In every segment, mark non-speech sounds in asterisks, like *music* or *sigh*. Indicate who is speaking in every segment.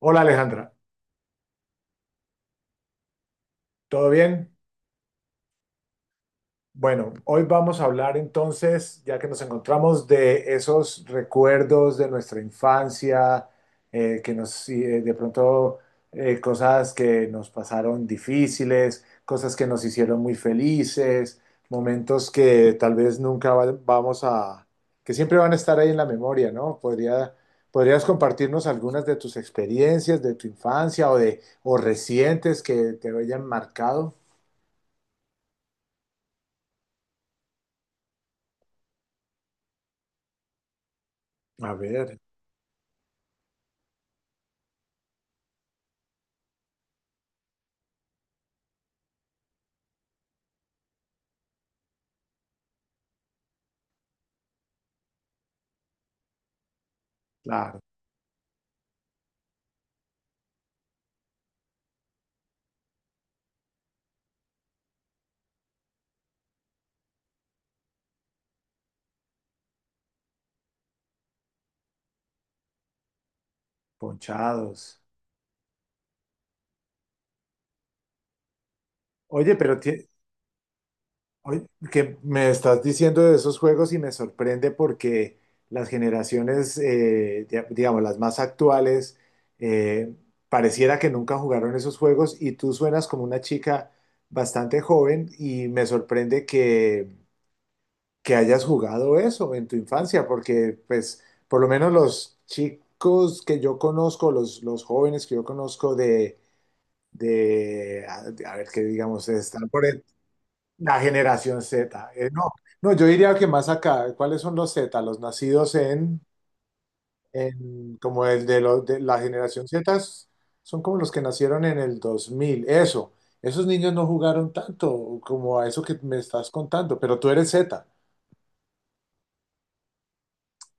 Speaker 1: Hola Alejandra, ¿todo bien? Bueno, hoy vamos a hablar entonces, ya que nos encontramos, de esos recuerdos de nuestra infancia, que nos, de pronto, cosas que nos pasaron difíciles, cosas que nos hicieron muy felices, momentos que tal vez nunca, que siempre van a estar ahí en la memoria, ¿no? Podrías compartirnos algunas de tus experiencias de tu infancia o recientes que te hayan marcado. A ver, claro, ponchados. Oye, oye, que me estás diciendo de esos juegos y me sorprende porque las generaciones, digamos, las más actuales, eh, pareciera que nunca jugaron esos juegos y tú suenas como una chica bastante joven y me sorprende que hayas jugado eso en tu infancia, porque pues por lo menos los chicos que yo conozco, los jóvenes que yo conozco de... de, a, a ver qué digamos, la generación Z. No, yo diría que más acá, ¿cuáles son los Z? Los nacidos en como los de la generación Z son como los que nacieron en el 2000 eso. Esos niños no jugaron tanto como a eso que me estás contando, pero tú eres Z,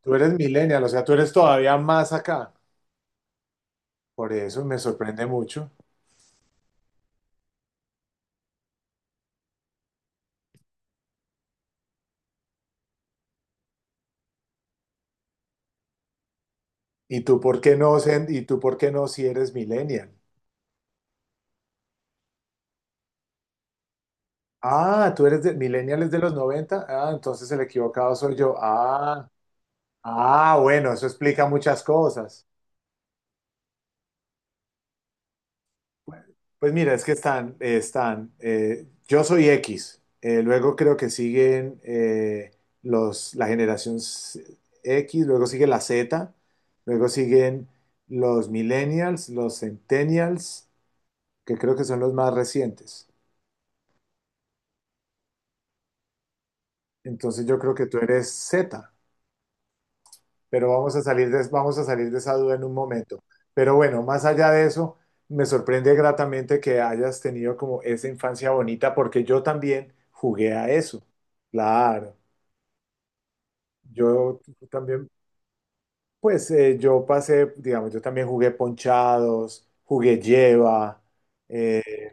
Speaker 1: tú eres millennial, o sea, tú eres todavía más acá. Por eso me sorprende mucho. ¿Y tú por qué no, Zen? ¿Y tú por qué no si eres millennial? Ah, tú eres de Millennial es de los 90. Ah, entonces el equivocado soy yo. Bueno, eso explica muchas cosas. Bueno, pues mira, es que están, yo soy X, luego creo que siguen la X, luego sigue la Z, luego siguen los millennials, los centennials, que creo que son los más recientes. Entonces yo creo que tú eres Z. Pero vamos a salir de esa duda en un momento. Pero bueno, más allá de eso, me sorprende gratamente que hayas tenido como esa infancia bonita, porque yo también jugué a eso. Claro, yo también, pues yo pasé, digamos, yo también jugué ponchados, jugué lleva, eh,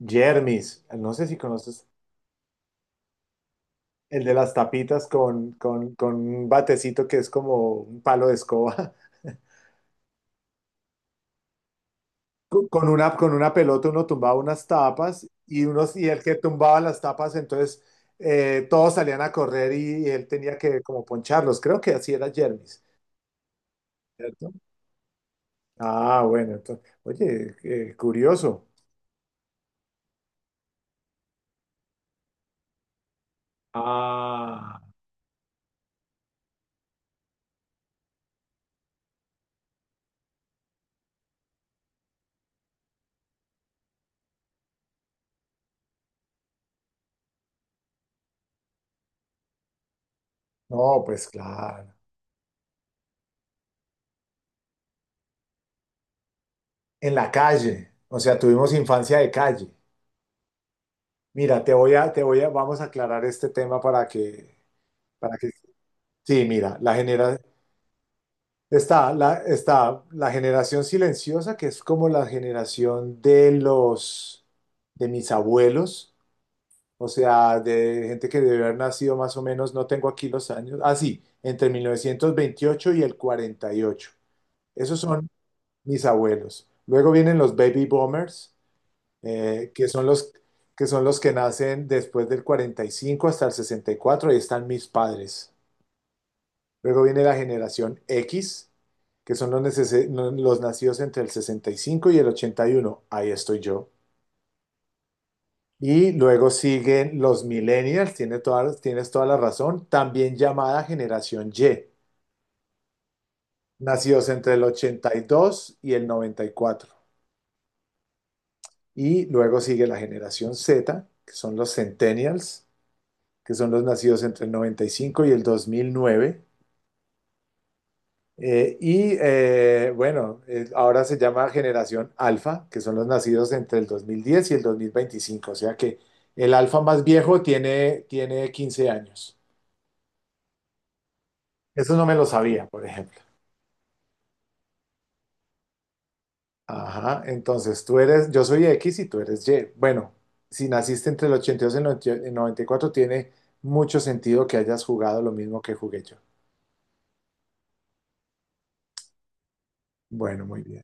Speaker 1: Jermis, no sé si conoces el de las tapitas con un batecito que es como un palo de escoba. Con una pelota uno tumbaba unas tapas y el que tumbaba las tapas, entonces todos salían a correr y él tenía que como poncharlos. Creo que así era Jermis, ¿cierto? Ah, bueno, entonces, oye, curioso. Ah, no, pues claro. En la calle, o sea, tuvimos infancia de calle. Mira, vamos a aclarar este tema para que, sí, mira, está la, está la generación silenciosa, que es como la generación de los, de mis abuelos, o sea, de gente que debe haber nacido más o menos, no tengo aquí los años, ah, sí, entre 1928 y el 48. Esos son mis abuelos. Luego vienen los baby boomers, eh, que son los, que son los que nacen después del 45 hasta el sesenta y cuatro, ahí están mis padres. Luego viene la generación X, que son los, los nacidos entre el sesenta y cinco y el 81. Ahí estoy yo. Y luego siguen los millennials, tienes toda la razón, también llamada generación Y, nacidos entre el ochenta y dos y el noventa y cuatro. Y luego sigue la generación Z, que son los centennials, que son los nacidos entre el noventa y cinco y el 2009. Ahora se llama generación alfa, que son los nacidos entre el 2010 y el dos mil veinticinco, o sea que el alfa más viejo tiene 15 años. Eso no me lo sabía, por ejemplo. Ajá, entonces tú eres, yo soy X y tú eres Y. Bueno, si naciste entre el ochenta y dos y el 94, tiene mucho sentido que hayas jugado lo mismo que jugué yo. Bueno, muy bien.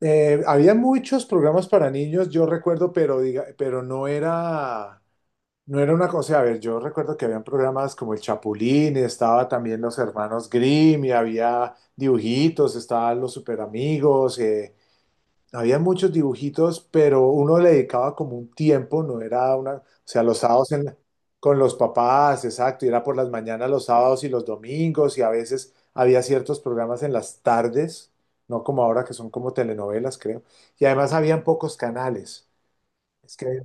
Speaker 1: Había muchos programas para niños, yo recuerdo, pero, diga, pero no era... No era una cosa, a ver, yo recuerdo que habían programas como El Chapulín, estaba también Los Hermanos Grimm, y había dibujitos, estaban Los Superamigos, había muchos dibujitos, pero uno le dedicaba como un tiempo, no era una, o sea, los sábados en la- con los papás, exacto, y era por las mañanas los sábados y los domingos, y a veces había ciertos programas en las tardes, no como ahora que son como telenovelas, creo, y además habían pocos canales. Es que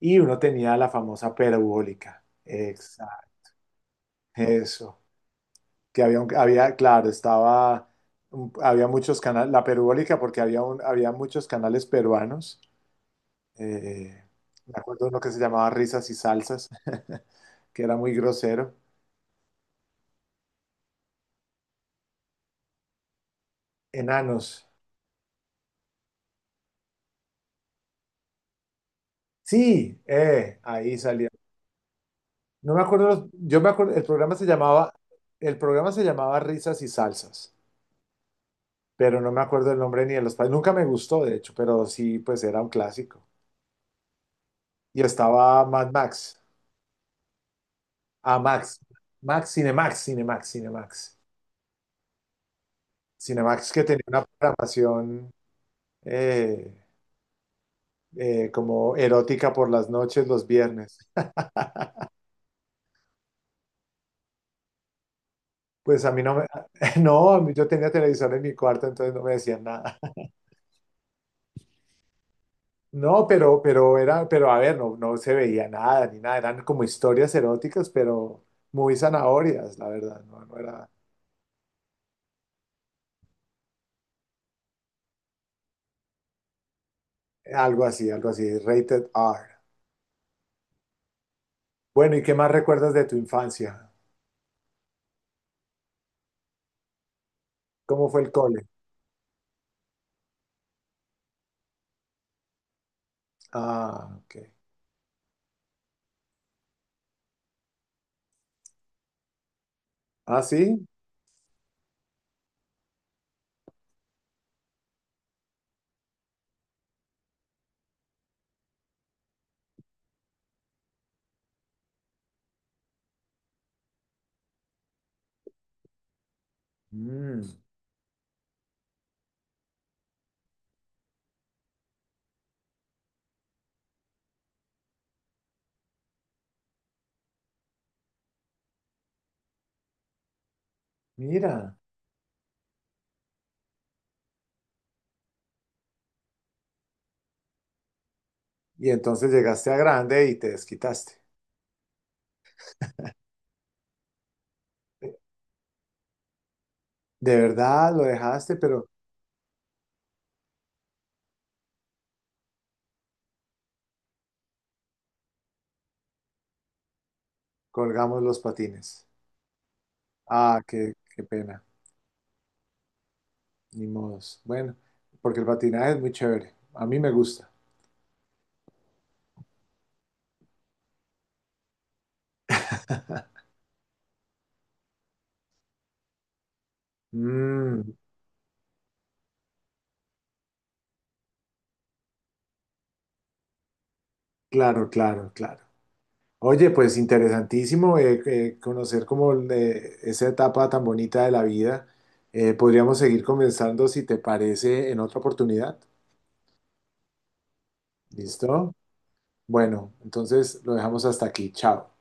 Speaker 1: y uno tenía la famosa perubólica. Exacto. Eso. Que había, había, claro, estaba, había muchos canales, la perubólica porque había, había muchos canales peruanos. Eh, Me acuerdo uno que se llamaba Risas y Salsas, *laughs* que era muy grosero. Enanos. Sí, ahí salía. No me acuerdo, yo me acuerdo, el programa se llamaba Risas y Salsas, pero no me acuerdo el nombre ni de los países. Nunca me gustó, de hecho, pero sí, pues era un clásico. Y estaba Mad Max. Ah, Max. Max, Cinemax. Cinemax que tenía una programación eh, como erótica por las noches, los viernes. Pues a mí no me... *laughs* No, a mí- yo tenía televisor en mi cuarto, entonces no me decían nada. *laughs* No, pero era, pero a ver, no, no se veía nada ni nada. Eran como historias eróticas, pero muy zanahorias, la verdad. No, no era algo así, rated R. Bueno, ¿y qué más recuerdas de tu infancia? ¿Cómo fue el cole? Ah, ok. Ah, sí. Mm, mira. Y entonces llegaste a grande y te desquitaste. Eh, De verdad lo dejaste, pero colgamos los patines. Ah, qué, qué pena. Ni modos. Bueno, porque el patinaje es muy chévere. A mí me gusta. Mm, claro, claro, claro. Oye, pues interesantísimo conocer como esa etapa tan bonita de la vida. Podríamos seguir conversando si te parece en otra oportunidad. ¿Listo? Bueno, entonces lo dejamos hasta aquí. Chao.